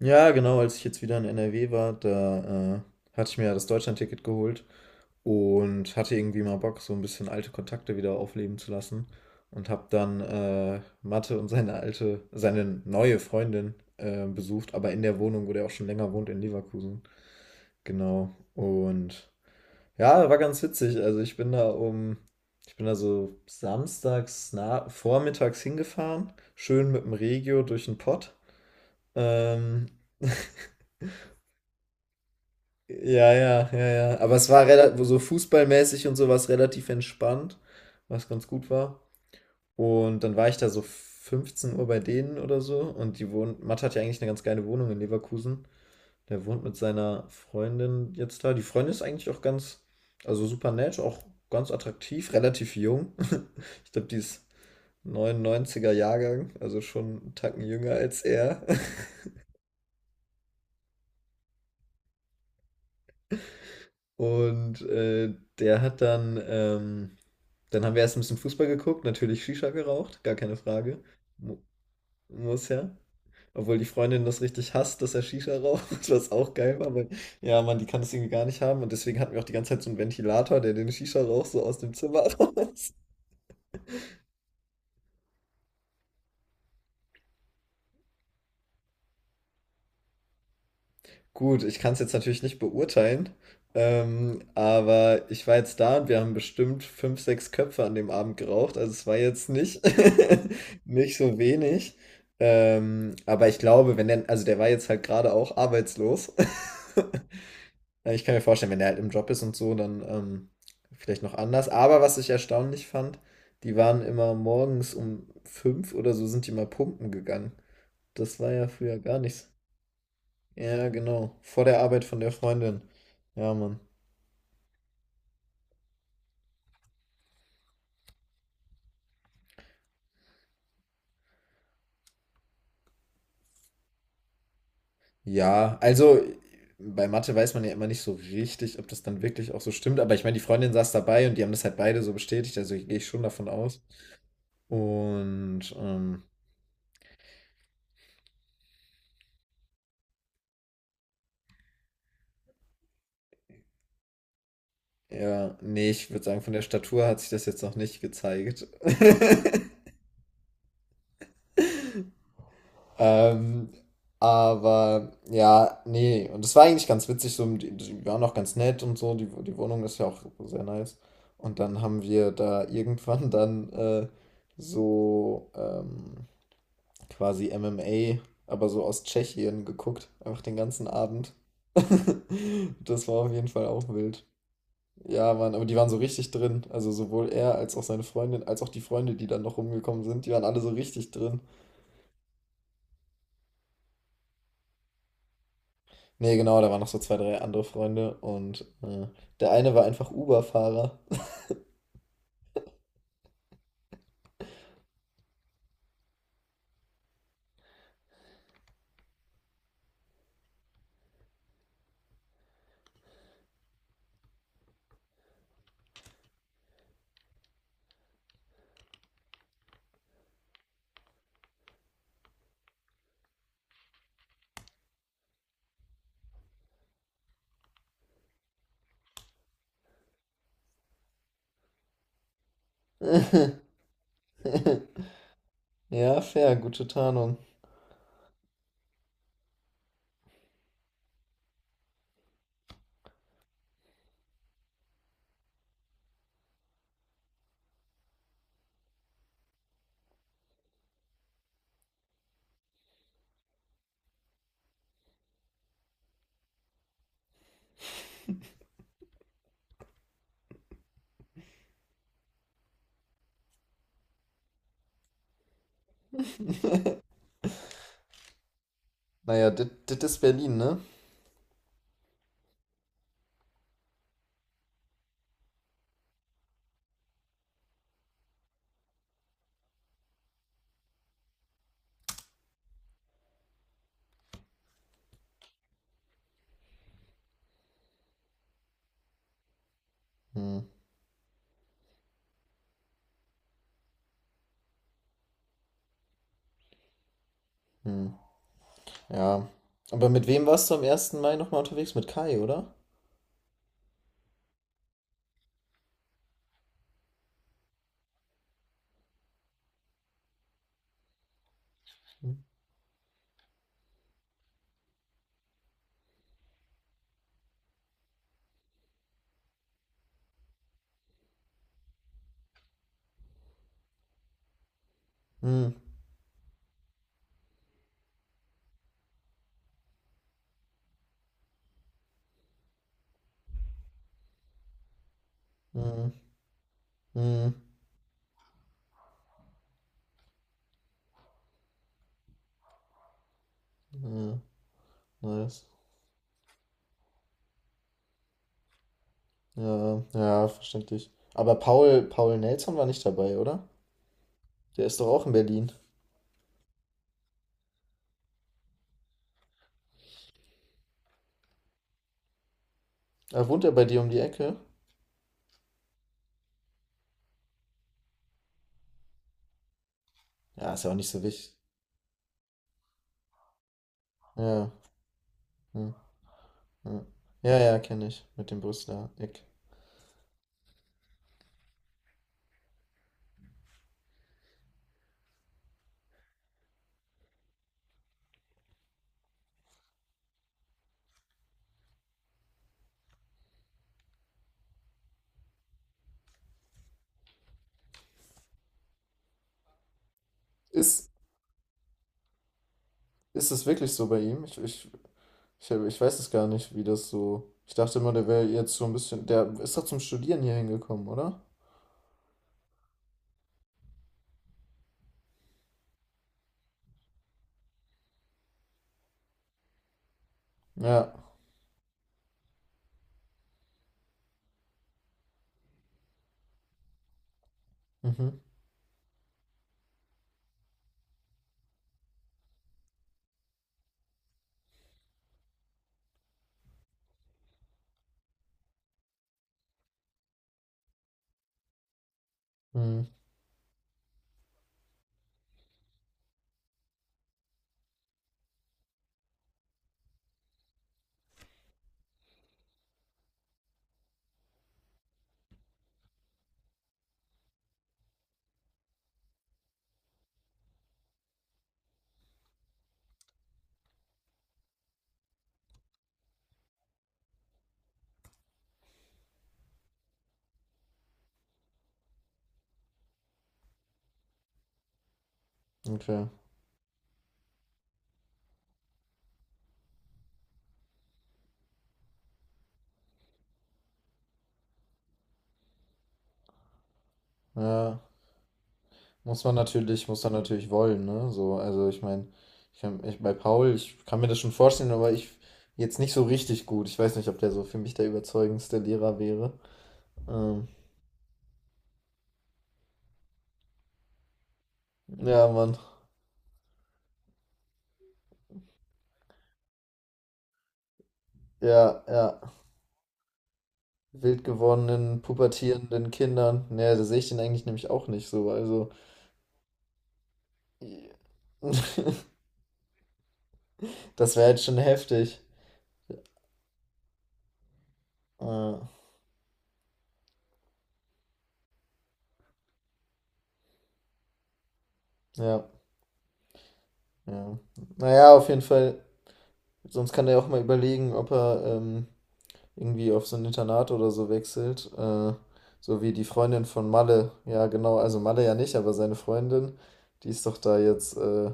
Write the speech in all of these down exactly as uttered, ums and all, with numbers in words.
Ja, genau, als ich jetzt wieder in N R W war, da äh, hatte ich mir ja das ticket geholt und hatte irgendwie mal Bock, so ein bisschen alte Kontakte wieder aufleben zu lassen und habe dann äh, Mathe und seine alte, seine neue Freundin äh, besucht, aber in der Wohnung, wo der auch schon länger wohnt, in Leverkusen. Genau. Und ja, war ganz witzig. Also ich bin da um, ich bin da so samstags nah, vormittags hingefahren, schön mit dem Regio durch den Pott. Ähm, Ja, ja, ja, ja. Aber es war relativ, so fußballmäßig und sowas relativ entspannt, was ganz gut war. Und dann war ich da so fünfzehn Uhr bei denen oder so. Und die wohnt, Matt hat ja eigentlich eine ganz geile Wohnung in Leverkusen. Der wohnt mit seiner Freundin jetzt da. Die Freundin ist eigentlich auch ganz, also super nett, auch ganz attraktiv, relativ jung. Ich glaube, die ist neunundneunziger Jahrgang, also schon einen Tacken jünger als er. Und äh, der hat dann, ähm, Dann haben wir erst ein bisschen Fußball geguckt, natürlich Shisha geraucht, gar keine Frage. Mu muss ja. Obwohl die Freundin das richtig hasst, dass er Shisha raucht, was auch geil war, weil ja, Mann, die kann das irgendwie gar nicht haben, und deswegen hatten wir auch die ganze Zeit so einen Ventilator, der den Shisha-Rauch so aus dem Zimmer raus. Gut, ich kann es jetzt natürlich nicht beurteilen, ähm, aber ich war jetzt da und wir haben bestimmt fünf, sechs Köpfe an dem Abend geraucht. Also es war jetzt nicht, nicht so wenig. Ähm, aber ich glaube, wenn der, also der war jetzt halt gerade auch arbeitslos. Ich kann mir vorstellen, wenn der halt im Job ist und so, dann ähm, vielleicht noch anders. Aber was ich erstaunlich fand, die waren immer morgens um fünf oder so sind die mal pumpen gegangen. Das war ja früher gar nicht so, ja, genau. Vor der Arbeit von der Freundin. Ja, Mann. Ja, also bei Mathe weiß man ja immer nicht so richtig, ob das dann wirklich auch so stimmt. Aber ich meine, die Freundin saß dabei und die haben das halt beide so bestätigt. Also gehe ich schon davon aus. Und ähm, ja, nee, ich würde sagen, von der Statur hat sich das jetzt noch nicht gezeigt. Ähm, aber ja, nee. Und das war eigentlich ganz witzig, so, die, die waren auch ganz nett und so, die, die Wohnung ist ja auch sehr nice. Und dann haben wir da irgendwann dann äh, so ähm, quasi M M A, aber so aus Tschechien geguckt, einfach den ganzen Abend. Das war auf jeden Fall auch wild. Ja, Mann, aber die waren so richtig drin. Also sowohl er als auch seine Freundin, als auch die Freunde, die dann noch rumgekommen sind, die waren alle so richtig drin. Nee, genau, da waren noch so zwei, drei andere Freunde und äh, der eine war einfach Uber-Fahrer. Ja, fair, gute Tarnung. Naja, das ist Berlin, ne? Hm, hm, ja. Aber mit wem warst du am ersten Mai nochmal unterwegs? Mit Kai, oder? Hm, hm, hm, hm, ja, nice. Ja, ja, verständlich. Aber Paul, Paul Nelson war nicht dabei, oder? Der ist doch auch in Berlin. Ah, wohnt er bei dir um die Ecke? Ja, ist ja auch nicht so wichtig. Ja, ja. Ja, ja, ja kenne ich. Mit dem Brüsseler Eck. Ist, ist es wirklich so bei ihm? Ich, ich, ich, ich weiß es gar nicht, wie das so. Ich dachte immer, der wäre jetzt so ein bisschen. Der ist doch zum Studieren hier hingekommen, oder? Ja. Mhm. Mhm. Okay. Ja. Muss man natürlich, muss man natürlich wollen, ne? So, also ich meine, ich kann, ich, bei Paul, ich kann mir das schon vorstellen, aber ich jetzt nicht so richtig gut. Ich weiß nicht, ob der so für mich der überzeugendste Lehrer wäre. Ähm, ja, Mann. Ja, ja. wild gewordenen, pubertierenden Kindern. Naja, da sehe ich den eigentlich nämlich auch nicht so. Also, das wäre jetzt schon heftig. Äh, ja, ja. Naja, auf jeden Fall. Sonst kann er auch mal überlegen, ob er ähm, irgendwie auf so ein Internat oder so wechselt. Äh, so wie die Freundin von Malle. Ja, genau. Also Malle ja nicht, aber seine Freundin, die ist doch da jetzt äh,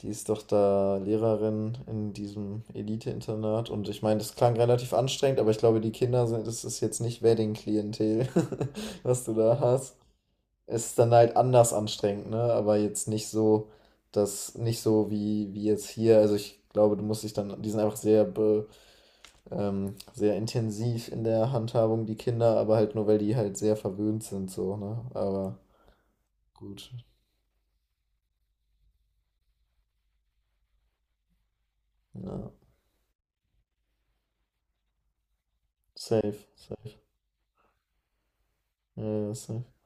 Die ist doch da Lehrerin in diesem Elite-Internat und ich meine, das klang relativ anstrengend, aber ich glaube, die Kinder sind, das ist jetzt nicht Wedding-Klientel, was du da hast. Es ist dann halt anders anstrengend, ne? Aber jetzt nicht so, das nicht so wie, wie jetzt hier. Also ich glaube, du musst dich dann, die sind einfach sehr, be, ähm, sehr intensiv in der Handhabung, die Kinder, aber halt nur, weil die halt sehr verwöhnt sind, so, ne? Aber gut, ja, safe, safe. Ja, ja, safe.